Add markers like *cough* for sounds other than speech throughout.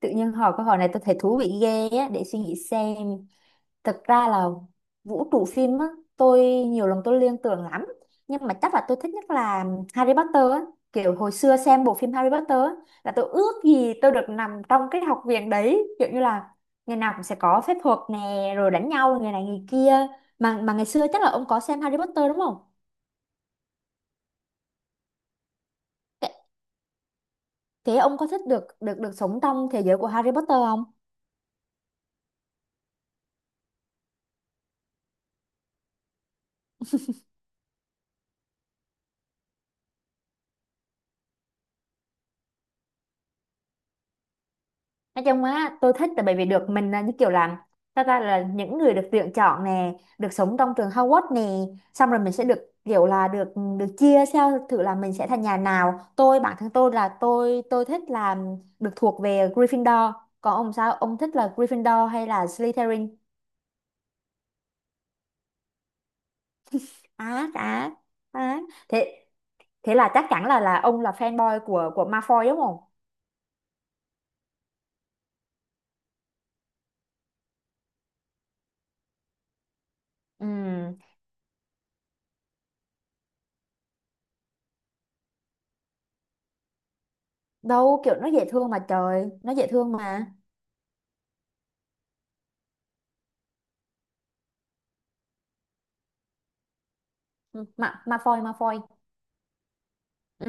Tự nhiên hỏi câu hỏi này tôi thấy thú vị ghê á, để suy nghĩ xem. Thực ra là vũ trụ phim á, tôi nhiều lần tôi liên tưởng lắm. Nhưng mà chắc là tôi thích nhất là Harry Potter á. Kiểu hồi xưa xem bộ phim Harry Potter á, là tôi ước gì tôi được nằm trong cái học viện đấy, kiểu như là ngày nào cũng sẽ có phép thuật nè, rồi đánh nhau người này người kia. Mà ngày xưa chắc là ông có xem Harry Potter đúng không? Thế thế ông có thích được được được sống trong thế giới của Harry Potter không? Nói chung á tôi thích là bởi vì được mình là như kiểu là ta ta là những người được tuyển chọn nè, được sống trong trường Hogwarts nè, xong rồi mình sẽ được kiểu là được được chia theo thử là mình sẽ thành nhà nào. Tôi bản thân tôi là tôi thích là được thuộc về Gryffindor. Còn ông sao ông thích là Gryffindor hay là Slytherin? Á á á. Thế thế là chắc chắn là ông là fanboy của Malfoy đúng không? Ừ, đâu, kiểu nó dễ thương mà, trời nó dễ thương mà. Ừ, Ma Malfoy Malfoy Ừ,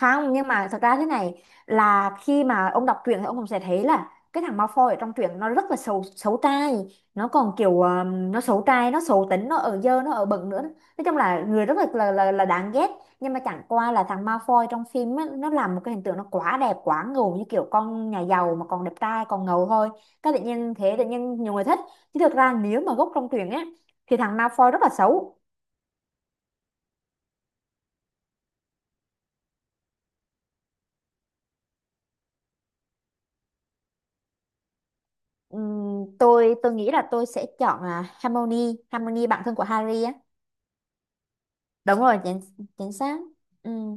không, nhưng mà thật ra thế này là khi mà ông đọc truyện thì ông cũng sẽ thấy là cái thằng Malfoy ở trong truyện nó rất là xấu xấu trai Nó còn kiểu nó xấu trai, nó xấu tính, nó ở dơ, nó ở bẩn nữa, nói chung là người rất là đáng ghét. Nhưng mà chẳng qua là thằng Malfoy trong phim á, nó làm một cái hình tượng nó quá đẹp quá ngầu, như kiểu con nhà giàu mà còn đẹp trai còn ngầu thôi. Cái tự nhiên thế, tự nhiên nhiều người thích. Chứ thực ra nếu mà gốc trong truyện á thì thằng Malfoy rất là xấu. Tôi nghĩ là tôi sẽ chọn là Harmony Harmony bạn thân của Harry á. Đúng rồi, chính chính xác Ừm.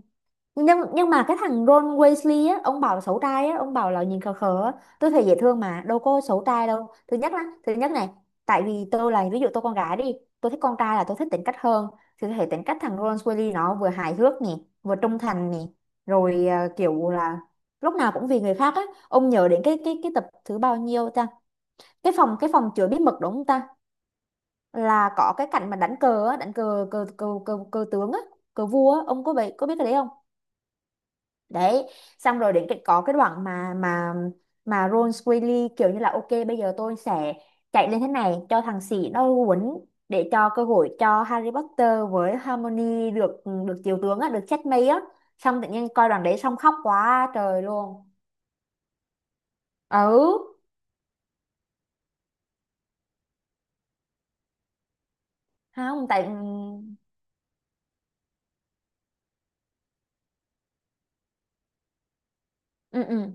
Nhưng mà cái thằng Ron Weasley á, ông bảo là xấu trai á, ông bảo là nhìn khờ khờ á. Tôi thấy dễ thương mà, đâu có xấu trai đâu. Thứ nhất là thứ nhất này, tại vì tôi là ví dụ tôi con gái đi, tôi thích con trai là tôi thích tính cách hơn, thì tôi thấy tính cách thằng Ron Weasley nó vừa hài hước nè, vừa trung thành nè, rồi kiểu là lúc nào cũng vì người khác á. Ông nhớ đến cái tập thứ bao nhiêu ta? Cái phòng chứa bí mật đúng không ta? Là có cái cảnh mà đánh cờ á, đánh cờ cờ cờ cờ, cờ tướng á, cờ vua á, ông có biết cái đấy không? Đấy, xong rồi đến cái có cái đoạn mà Ron Weasley kiểu như là, ok bây giờ tôi sẽ chạy lên thế này cho thằng sĩ nó quấn, để cho cơ hội cho Harry Potter với Hermione được được chiếu tướng á, được checkmate á. Xong tự nhiên coi đoạn đấy xong khóc quá trời luôn. Ừ, không tại ừ, ừ. Ừ.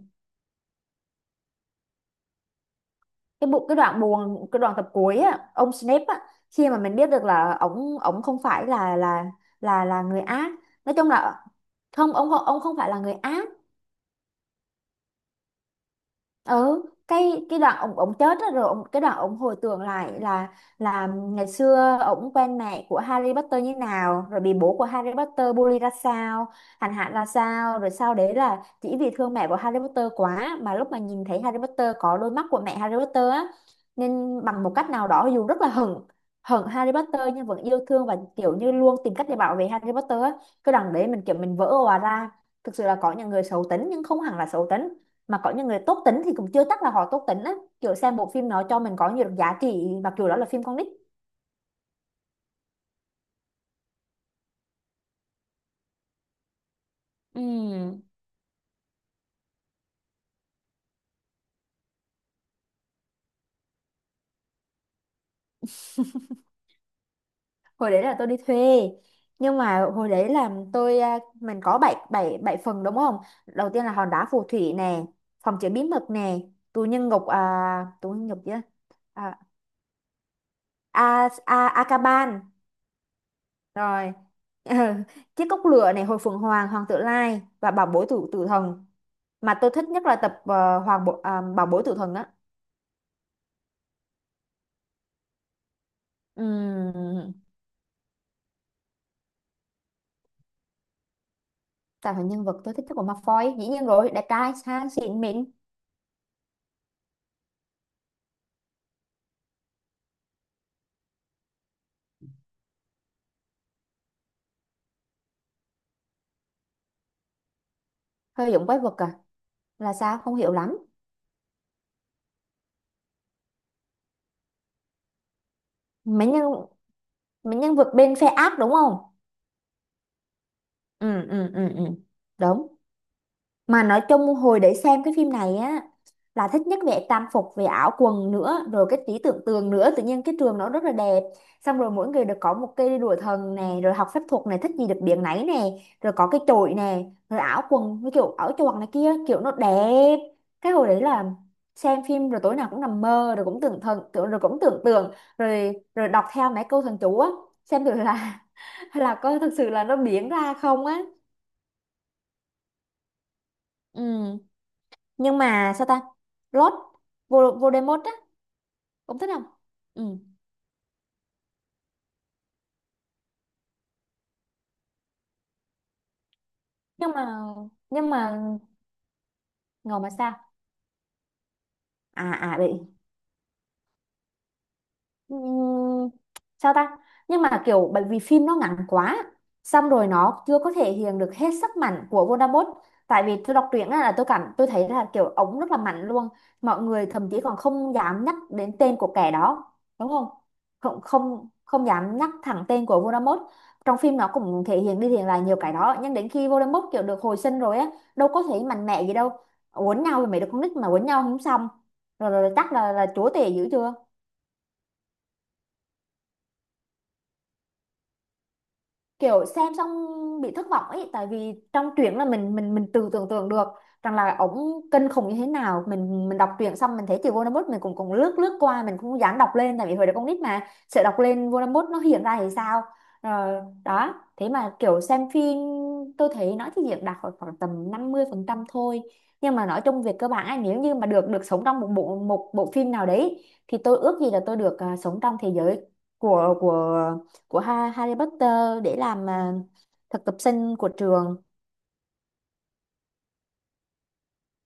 Cái đoạn buồn, cái đoạn tập cuối á, ông Snape á, khi mà mình biết được là ổng ổng không phải là người ác. Nói chung là không, ông không phải là người ác. Ừ, cái đoạn ông chết á, rồi ông cái đoạn ông hồi tưởng lại là ngày xưa ông quen mẹ của Harry Potter như nào, rồi bị bố của Harry Potter bully ra sao, hành hạ ra sao, rồi sau đấy là chỉ vì thương mẹ của Harry Potter quá, mà lúc mà nhìn thấy Harry Potter có đôi mắt của mẹ Harry Potter á, nên bằng một cách nào đó dù rất là hận hận Harry Potter nhưng vẫn yêu thương và kiểu như luôn tìm cách để bảo vệ Harry Potter á. Cái đoạn đấy mình kiểu mình vỡ òa ra, thực sự là có những người xấu tính nhưng không hẳn là xấu tính, mà có những người tốt tính thì cũng chưa chắc là họ tốt tính á. Kiểu xem bộ phim nó cho mình có nhiều giá trị mặc dù đó là phim con nít. Ừ. Hồi đấy là tôi đi thuê. Nhưng mà hồi đấy là tôi mình có bảy bảy bảy phần đúng không? Đầu tiên là hòn đá phù thủy nè, phòng chứa bí mật nè, tù nhân ngục à, tù nhân ngục chứ, à, a a Akaban, rồi *laughs* chiếc cốc lửa này, hồi phượng hoàng, hoàng tử lai, và bảo bối tử tử thần Mà tôi thích nhất là tập bảo bối tử thần á. Ừm, Tạo thành nhân vật tôi thích nhất của Malfoy, dĩ nhiên rồi, đẹp trai sang xịn mịn. Hơi giống quái vật à? Là sao không hiểu lắm. mấy nhân Mấy nhân vật bên phe ác đúng không? Ừ, ừ, ừ, ừ. Đúng. Mà nói chung hồi để xem cái phim này á, là thích nhất về trang phục, về áo quần nữa, rồi cái trí tưởng tượng nữa, tự nhiên cái trường nó rất là đẹp. Xong rồi mỗi người được có một cây đùa thần nè, rồi học phép thuật này thích gì được biếng nấy nè, rồi có cái chổi nè, rồi áo quần với kiểu áo choàng này kia, kiểu nó đẹp. Cái hồi đấy là xem phim rồi tối nào cũng nằm mơ, rồi cũng tưởng thần tưởng, rồi cũng tưởng tượng, rồi rồi đọc theo mấy câu thần chú á, xem thử là *laughs* là có thực sự là nó biến ra không á. Ừ. Nhưng mà sao ta, Lord Voldemort á, cũng thích không? Ừ. nhưng mà nhưng mà ngầu mà sao? Bị. Ừm, Sao ta. Nhưng mà kiểu bởi vì phim nó ngắn quá, xong rồi nó chưa có thể hiện được hết sức mạnh của Voldemort. Tại vì tôi đọc truyện á là tôi cảm tôi thấy là kiểu ống rất là mạnh luôn, mọi người thậm chí còn không dám nhắc đến tên của kẻ đó đúng không? Không, không dám nhắc thẳng tên của Voldemort. Trong phim nó cũng thể hiện đi thể hiện lại nhiều cái đó, nhưng đến khi Voldemort kiểu được hồi sinh rồi á, đâu có thể mạnh mẽ gì đâu. Quấn nhau thì mấy đứa con nít mà quấn nhau không xong. Rồi chắc là chúa tể dữ chưa? Kiểu xem xong bị thất vọng ấy, tại vì trong truyện là mình tự tưởng tượng được rằng là ổng kinh khủng như thế nào. Mình đọc truyện xong mình thấy chữ Voldemort mình cũng cũng lướt lướt qua, mình không dám đọc lên, tại vì hồi đó con nít mà sợ đọc lên Voldemort nó hiện ra thì sao. Rồi đó thế mà kiểu xem phim, tôi thấy nói thì diễn đạt khoảng khoảng tầm 50% thôi. Nhưng mà nói chung về cơ bản á, nếu như mà được được sống trong một bộ phim nào đấy, thì tôi ước gì là tôi được sống trong thế giới của của của Harry Potter để làm thực tập sinh của trường.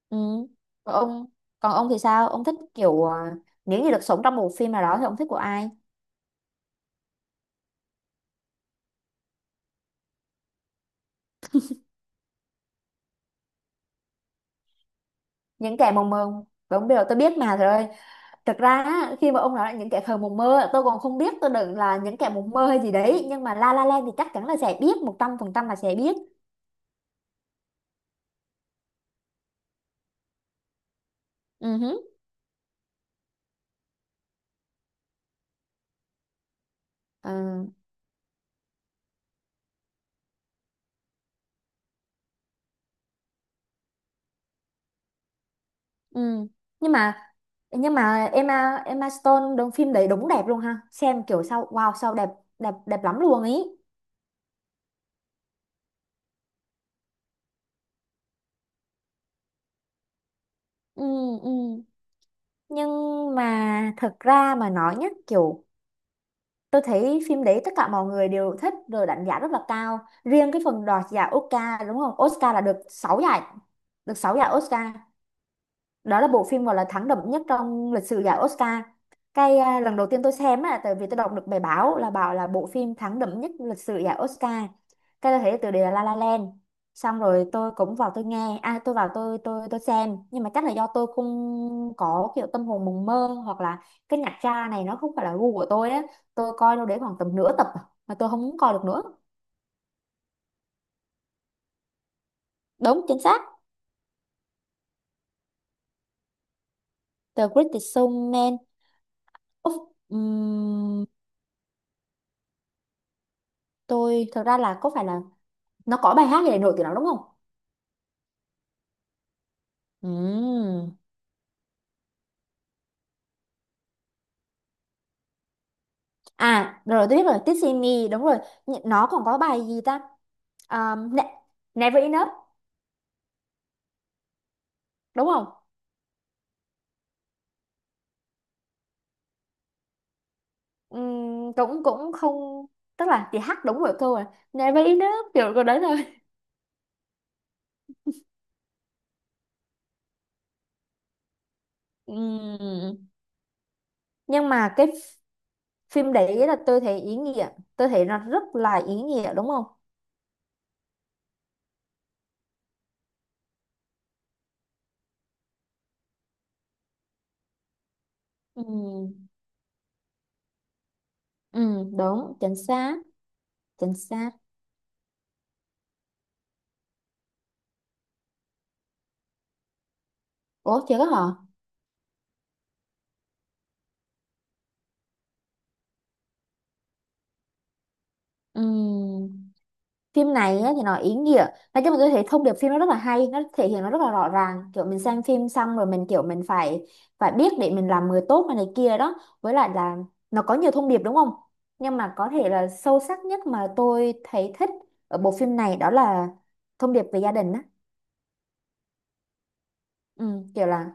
Ừ. còn ông còn ông thì sao, ông thích kiểu nếu như được sống trong một phim nào đó thì ông thích của ai? Những kẻ mộng mơ, đúng, điều tôi biết mà rồi. Thực ra á, khi mà ông nói là những kẻ khờ mộng mơ, tôi còn không biết tôi đừng là những kẻ mộng mơ hay gì đấy, nhưng mà La La Land thì chắc chắn là sẽ biết, 100% là sẽ biết. Ừ hứ. Ờ, ừ. nhưng mà nhưng mà Emma Emma Stone đóng phim đấy đúng đẹp luôn, ha xem kiểu sao, wow sao đẹp. Đẹp lắm luôn ý. Ừ, ừ. Nhưng mà thật ra mà nói nhá, kiểu tôi thấy phim đấy tất cả mọi người đều thích rồi đánh giá rất là cao, riêng cái phần đoạt giải Oscar đúng không, Oscar là được 6 giải, được 6 giải Oscar. Đó là bộ phim gọi là thắng đậm nhất trong lịch sử giải Oscar. Cái lần đầu tiên tôi xem á, tại vì tôi đọc được bài báo là bảo là bộ phim thắng đậm nhất lịch sử giải Oscar. Cái tôi thấy từ đề là La La Land, xong rồi tôi cũng vào tôi nghe tôi vào tôi xem, nhưng mà chắc là do tôi không có kiểu tâm hồn mộng mơ, hoặc là cái nhạc tra này nó không phải là gu của tôi á. Tôi coi đâu đấy khoảng tầm nửa tập mà tôi không muốn coi được nữa. Đúng chính xác. The Greatest Showman. Uf, ừm, tôi thật ra là có phải là nó có bài hát gì để nổi tiếng lắm đúng không? Ừm. À rồi tôi biết rồi, This Is Me đúng rồi. Nó còn có bài gì ta? Ne Never Enough đúng không? Cũng cũng không. Tức là thì hát đúng rồi câu rồi, Never Enough kiểu câu đấy thôi. Ừm. Nhưng mà cái phim đấy là tôi thấy ý nghĩa, tôi thấy nó rất là ý nghĩa đúng không? Ừm. Ừ, đúng chính xác. Chính xác. Ủa chưa có hả? Ừ. Phim này á, thì nó ý nghĩa. Nói chung là tôi thấy thông điệp phim nó rất là hay, nó thể hiện nó rất là rõ ràng, kiểu mình xem phim xong rồi mình kiểu mình phải phải biết để mình làm người tốt này, này kia đó. Với lại là nó có nhiều thông điệp đúng không? Nhưng mà có thể là sâu sắc nhất mà tôi thấy thích ở bộ phim này đó là thông điệp về gia đình á. Ừ, kiểu là.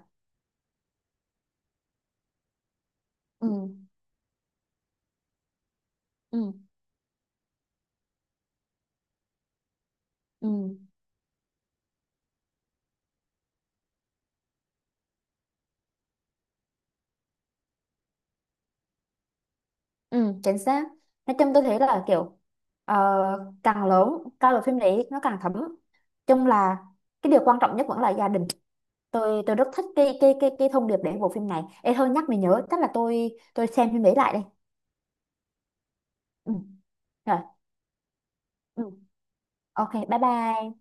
Ừ, ừ, ừ, ừ, chính xác. Nói chung tôi thấy là kiểu ờ, càng lớn coi bộ phim đấy nó càng thấm, chung là cái điều quan trọng nhất vẫn là gia đình. Tôi rất thích cái thông điệp để bộ phim này. Ê thôi nhắc mình nhớ, chắc là tôi xem phim đấy lại đây. Ừ. Rồi. Ừ. Ok bye bye.